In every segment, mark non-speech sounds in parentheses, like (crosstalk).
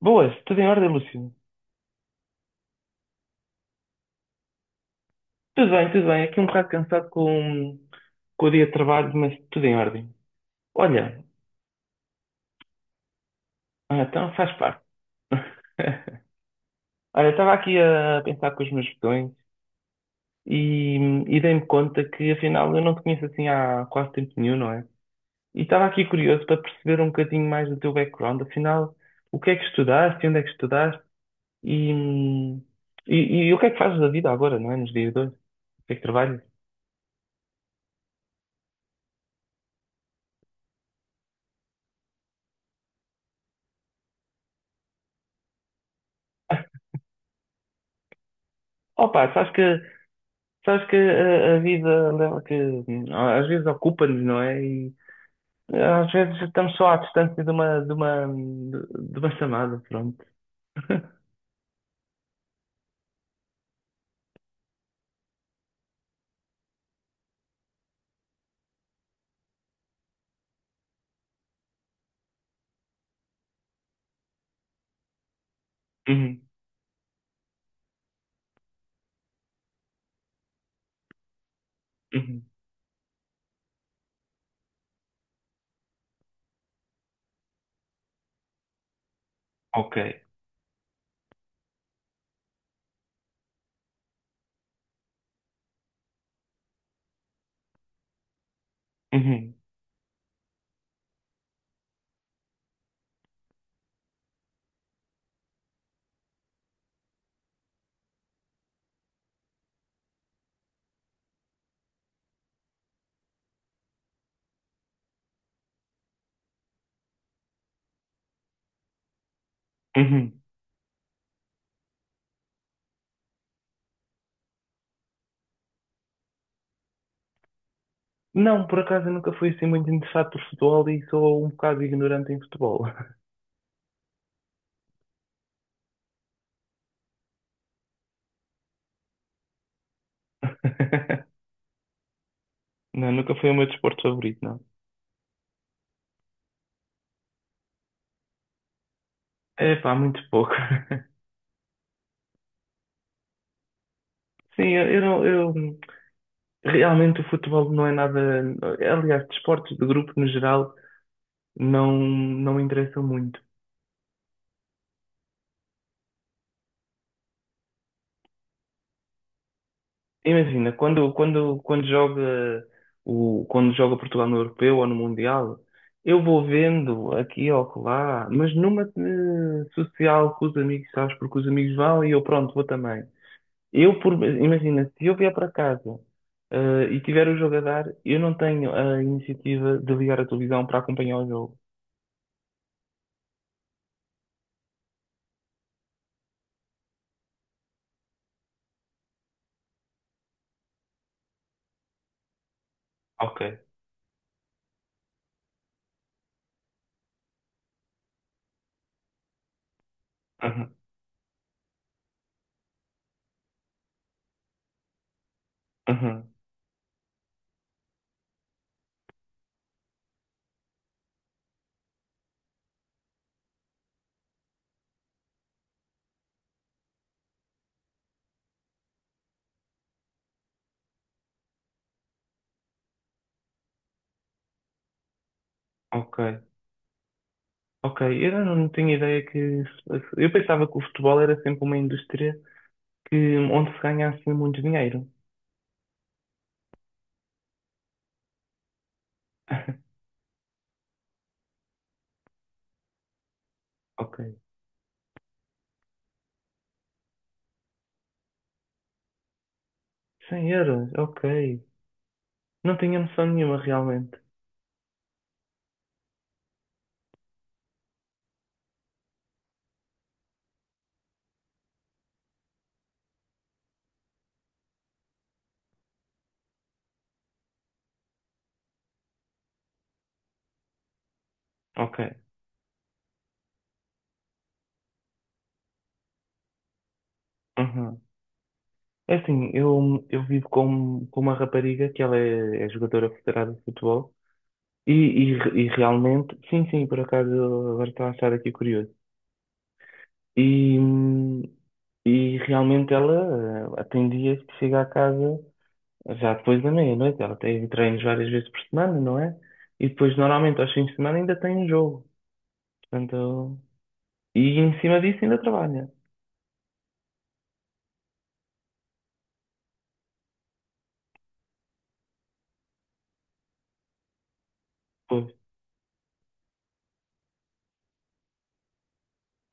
Boas, tudo em ordem, Lúcio? Tudo bem, tudo bem. Aqui um bocado cansado com o dia de trabalho, mas tudo em ordem. Olha, então faz parte. (laughs) Olha, estava aqui a pensar com os meus botões e, e dei-me conta que afinal eu não te conheço assim há quase tempo nenhum, não é? E estava aqui curioso para perceber um bocadinho mais do teu background, afinal, o que é que estudaste, onde é que estudaste e, e, e o que é que fazes da vida agora, não é? Nos dias de hoje? O que é que trabalhas? Opa, sabes que a vida leva que às vezes ocupa-nos, não é? E às vezes estamos só à distância de uma chamada, pronto. (laughs) Uhum, uhum. Ok. Uhum, uhum. Não, por acaso eu nunca fui assim muito interessado por futebol e sou um bocado ignorante em futebol. (laughs) Não, nunca foi o meu desporto favorito, não. É pá, muito pouco. (laughs) Sim, eu não, eu realmente o futebol não é nada. Aliás, desportos de grupo no geral não me interessam muito. Imagina, quando joga quando joga Portugal no Europeu ou no Mundial, eu vou vendo aqui ou lá, mas numa social com os amigos, sabes? Porque os amigos vão e eu pronto, vou também. Eu, imagina, se eu vier para casa e tiver o jogo a dar, eu não tenho a iniciativa de ligar a televisão para acompanhar o jogo. Ok. Uhum. Uhum. Ok. Ok. Eu não tinha ideia que. Eu pensava que o futebol era sempre uma indústria que onde se ganha assim muito dinheiro. (laughs) Ok. 100 euros? Ok. Não tinha noção nenhuma realmente. Ok. Uhum. É assim, eu vivo com uma rapariga que ela é jogadora federada de futebol e, e, e realmente, sim, sim, por acaso agora estou a achar aqui curioso. E, hum, e realmente ela tem dias que chega a casa já depois da meia-noite. Ela tem treinos várias vezes por semana, não é? E depois normalmente aos fins de semana ainda tem um jogo. Portanto, e em cima disso ainda trabalha. Pois.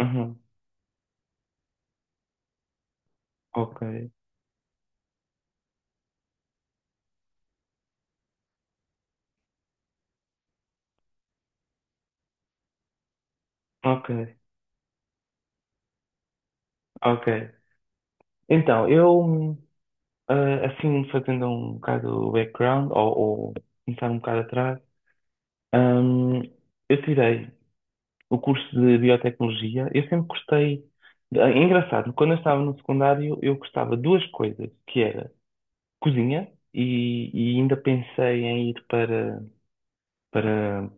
Aham. Ok. Ok. Ok. Então, eu, assim, fazendo um bocado o background, ou começar um bocado atrás, hum, eu tirei o curso de biotecnologia. Eu sempre gostei. É engraçado, quando eu estava no secundário, eu gostava de duas coisas, que era cozinha, e ainda pensei em ir para para.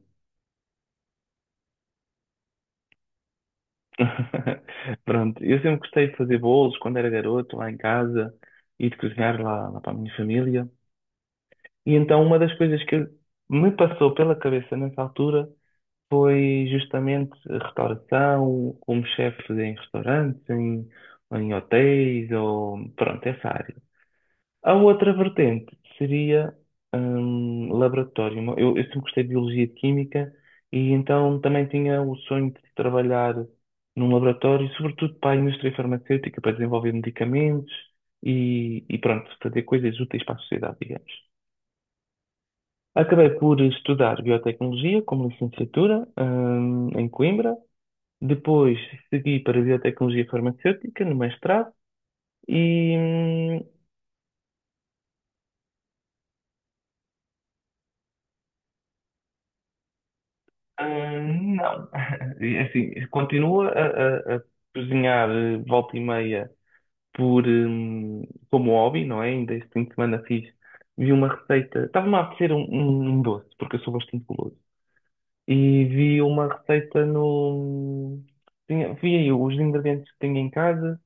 (laughs) Pronto, eu sempre gostei de fazer bolos quando era garoto, lá em casa, e de cozinhar lá para a minha família. E então uma das coisas que me passou pela cabeça nessa altura foi justamente a restauração, como chefe em restaurantes, em hotéis, ou pronto, essa área. A outra vertente seria laboratório. Eu sempre gostei de biologia e de química e então também tinha o sonho de trabalhar num laboratório, sobretudo para a indústria farmacêutica, para desenvolver medicamentos e pronto, fazer coisas úteis para a sociedade, digamos. Acabei por estudar biotecnologia como licenciatura em Coimbra. Depois segui para biotecnologia farmacêutica no mestrado. E, hum, não. (laughs) Assim, continua a cozinhar volta e meia por, como hobby, não é? Ainda este fim de semana fiz, vi uma receita, estava-me a apetecer um doce, porque eu sou bastante guloso, e vi uma receita no... Vi aí os ingredientes que tinha em casa,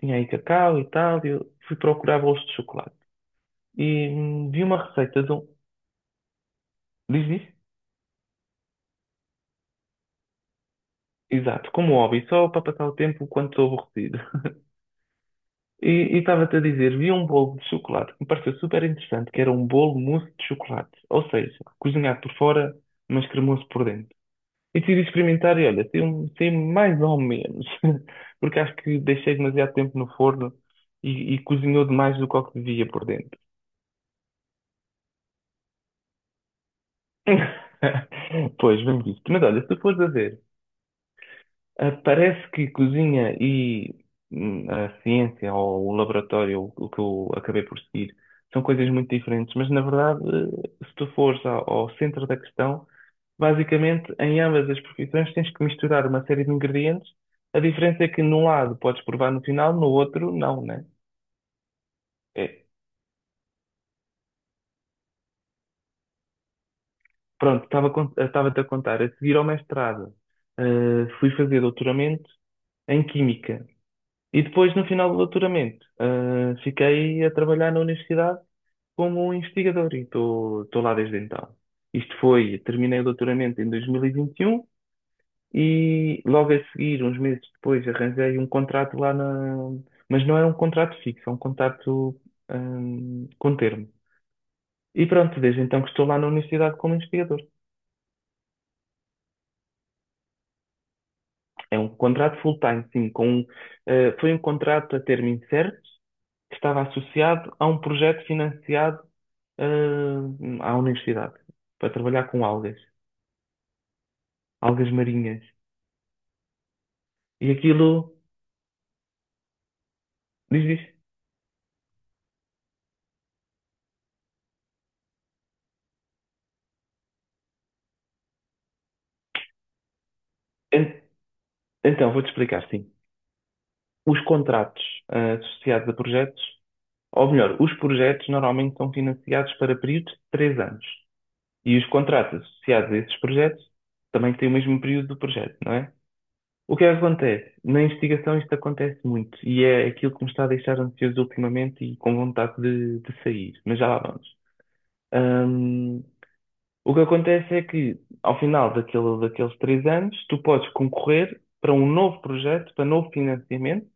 tinha aí cacau e tal, e eu fui procurar bolos de chocolate. Vi uma receita de um... Diz isso? Exato, como hobby, só para passar o tempo quando estou aborrecido. E e estava-te a dizer, vi um bolo de chocolate que me pareceu super interessante, que era um bolo mousse de chocolate. Ou seja, cozinhado por fora, mas cremoso por dentro. E decidi experimentar e olha, saiu mais ou menos. (laughs) Porque acho que deixei demasiado tempo no forno e cozinhou demais do que o que devia por dentro. (laughs) Pois, vamos isso. Mas olha, se tu fores a ver. Ah, parece que cozinha e a ciência ou o laboratório, o que eu acabei por seguir, são coisas muito diferentes, mas na verdade, se tu fores ao centro da questão, basicamente em ambas as profissões tens que misturar uma série de ingredientes. A diferença é que num lado podes provar no final, no outro não, né? É, pronto, estava, estava-te a contar. A seguir ao mestrado, fui fazer doutoramento em Química. E depois, no final do doutoramento, fiquei a trabalhar na universidade como um investigador e estou lá desde então. Isto foi, terminei o doutoramento em 2021 e vinte e um e logo a seguir, uns meses depois, arranjei um contrato lá na. Mas não é um contrato fixo, é um contrato, com termo. E pronto, desde então que estou lá na universidade como investigador. É um contrato full-time, sim, foi um contrato a termo incerto, que estava associado a um projeto financiado à universidade para trabalhar com algas, algas marinhas. E aquilo diz. En- Então, vou-te explicar, sim. Os contratos associados a projetos, ou melhor, os projetos normalmente são financiados para períodos de 3 anos. E os contratos associados a esses projetos também têm o mesmo período do projeto, não é? O que é que acontece? Na investigação isto acontece muito e é aquilo que me está a deixar ansioso ultimamente e com vontade de sair, mas já lá vamos. Hum, O que acontece é que, ao final daquele, daqueles 3 anos, tu podes concorrer para um novo projeto, para novo financiamento,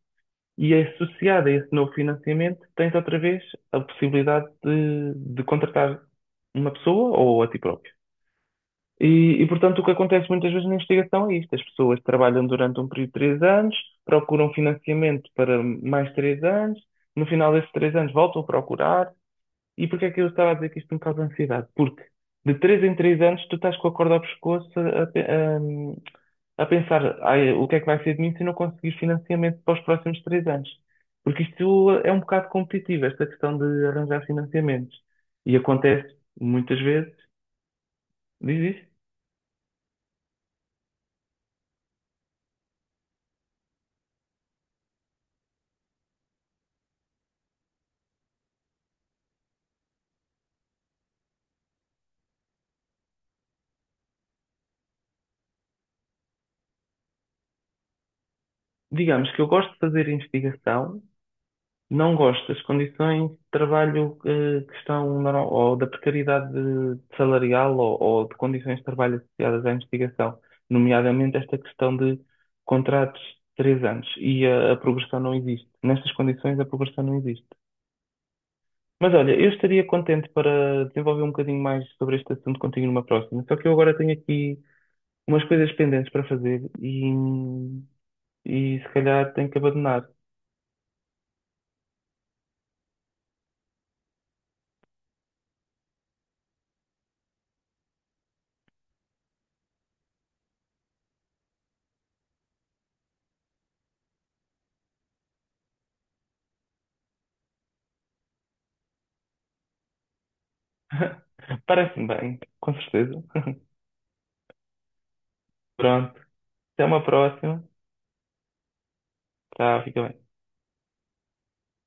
e associado a esse novo financiamento, tens outra vez a possibilidade de contratar uma pessoa ou a ti próprio. E, e, portanto, o que acontece muitas vezes na investigação é isto: as pessoas trabalham durante um período de 3 anos, procuram financiamento para mais 3 anos, no final desses 3 anos voltam a procurar, e porquê é que eu estava a dizer que isto me causa ansiedade? Porque de 3 em 3 anos tu estás com a corda ao pescoço a pensar "Ai, o que é que vai ser de mim se eu não conseguir financiamento para os próximos 3 anos." Porque isto é um bocado competitivo, esta questão de arranjar financiamentos. E acontece muitas vezes, diz isso. Digamos que eu gosto de fazer investigação, não gosto das condições de trabalho que estão, ou da precariedade salarial ou de condições de trabalho associadas à investigação, nomeadamente esta questão de contratos de 3 anos e a progressão não existe. Nestas condições, a progressão não existe. Mas olha, eu estaria contente para desenvolver um bocadinho mais sobre este assunto contigo numa próxima, só que eu agora tenho aqui umas coisas pendentes para fazer e se calhar tenho que abandonar. (laughs) Parece-me bem, com certeza. Pronto. Até uma próxima. Tchau, fica bem.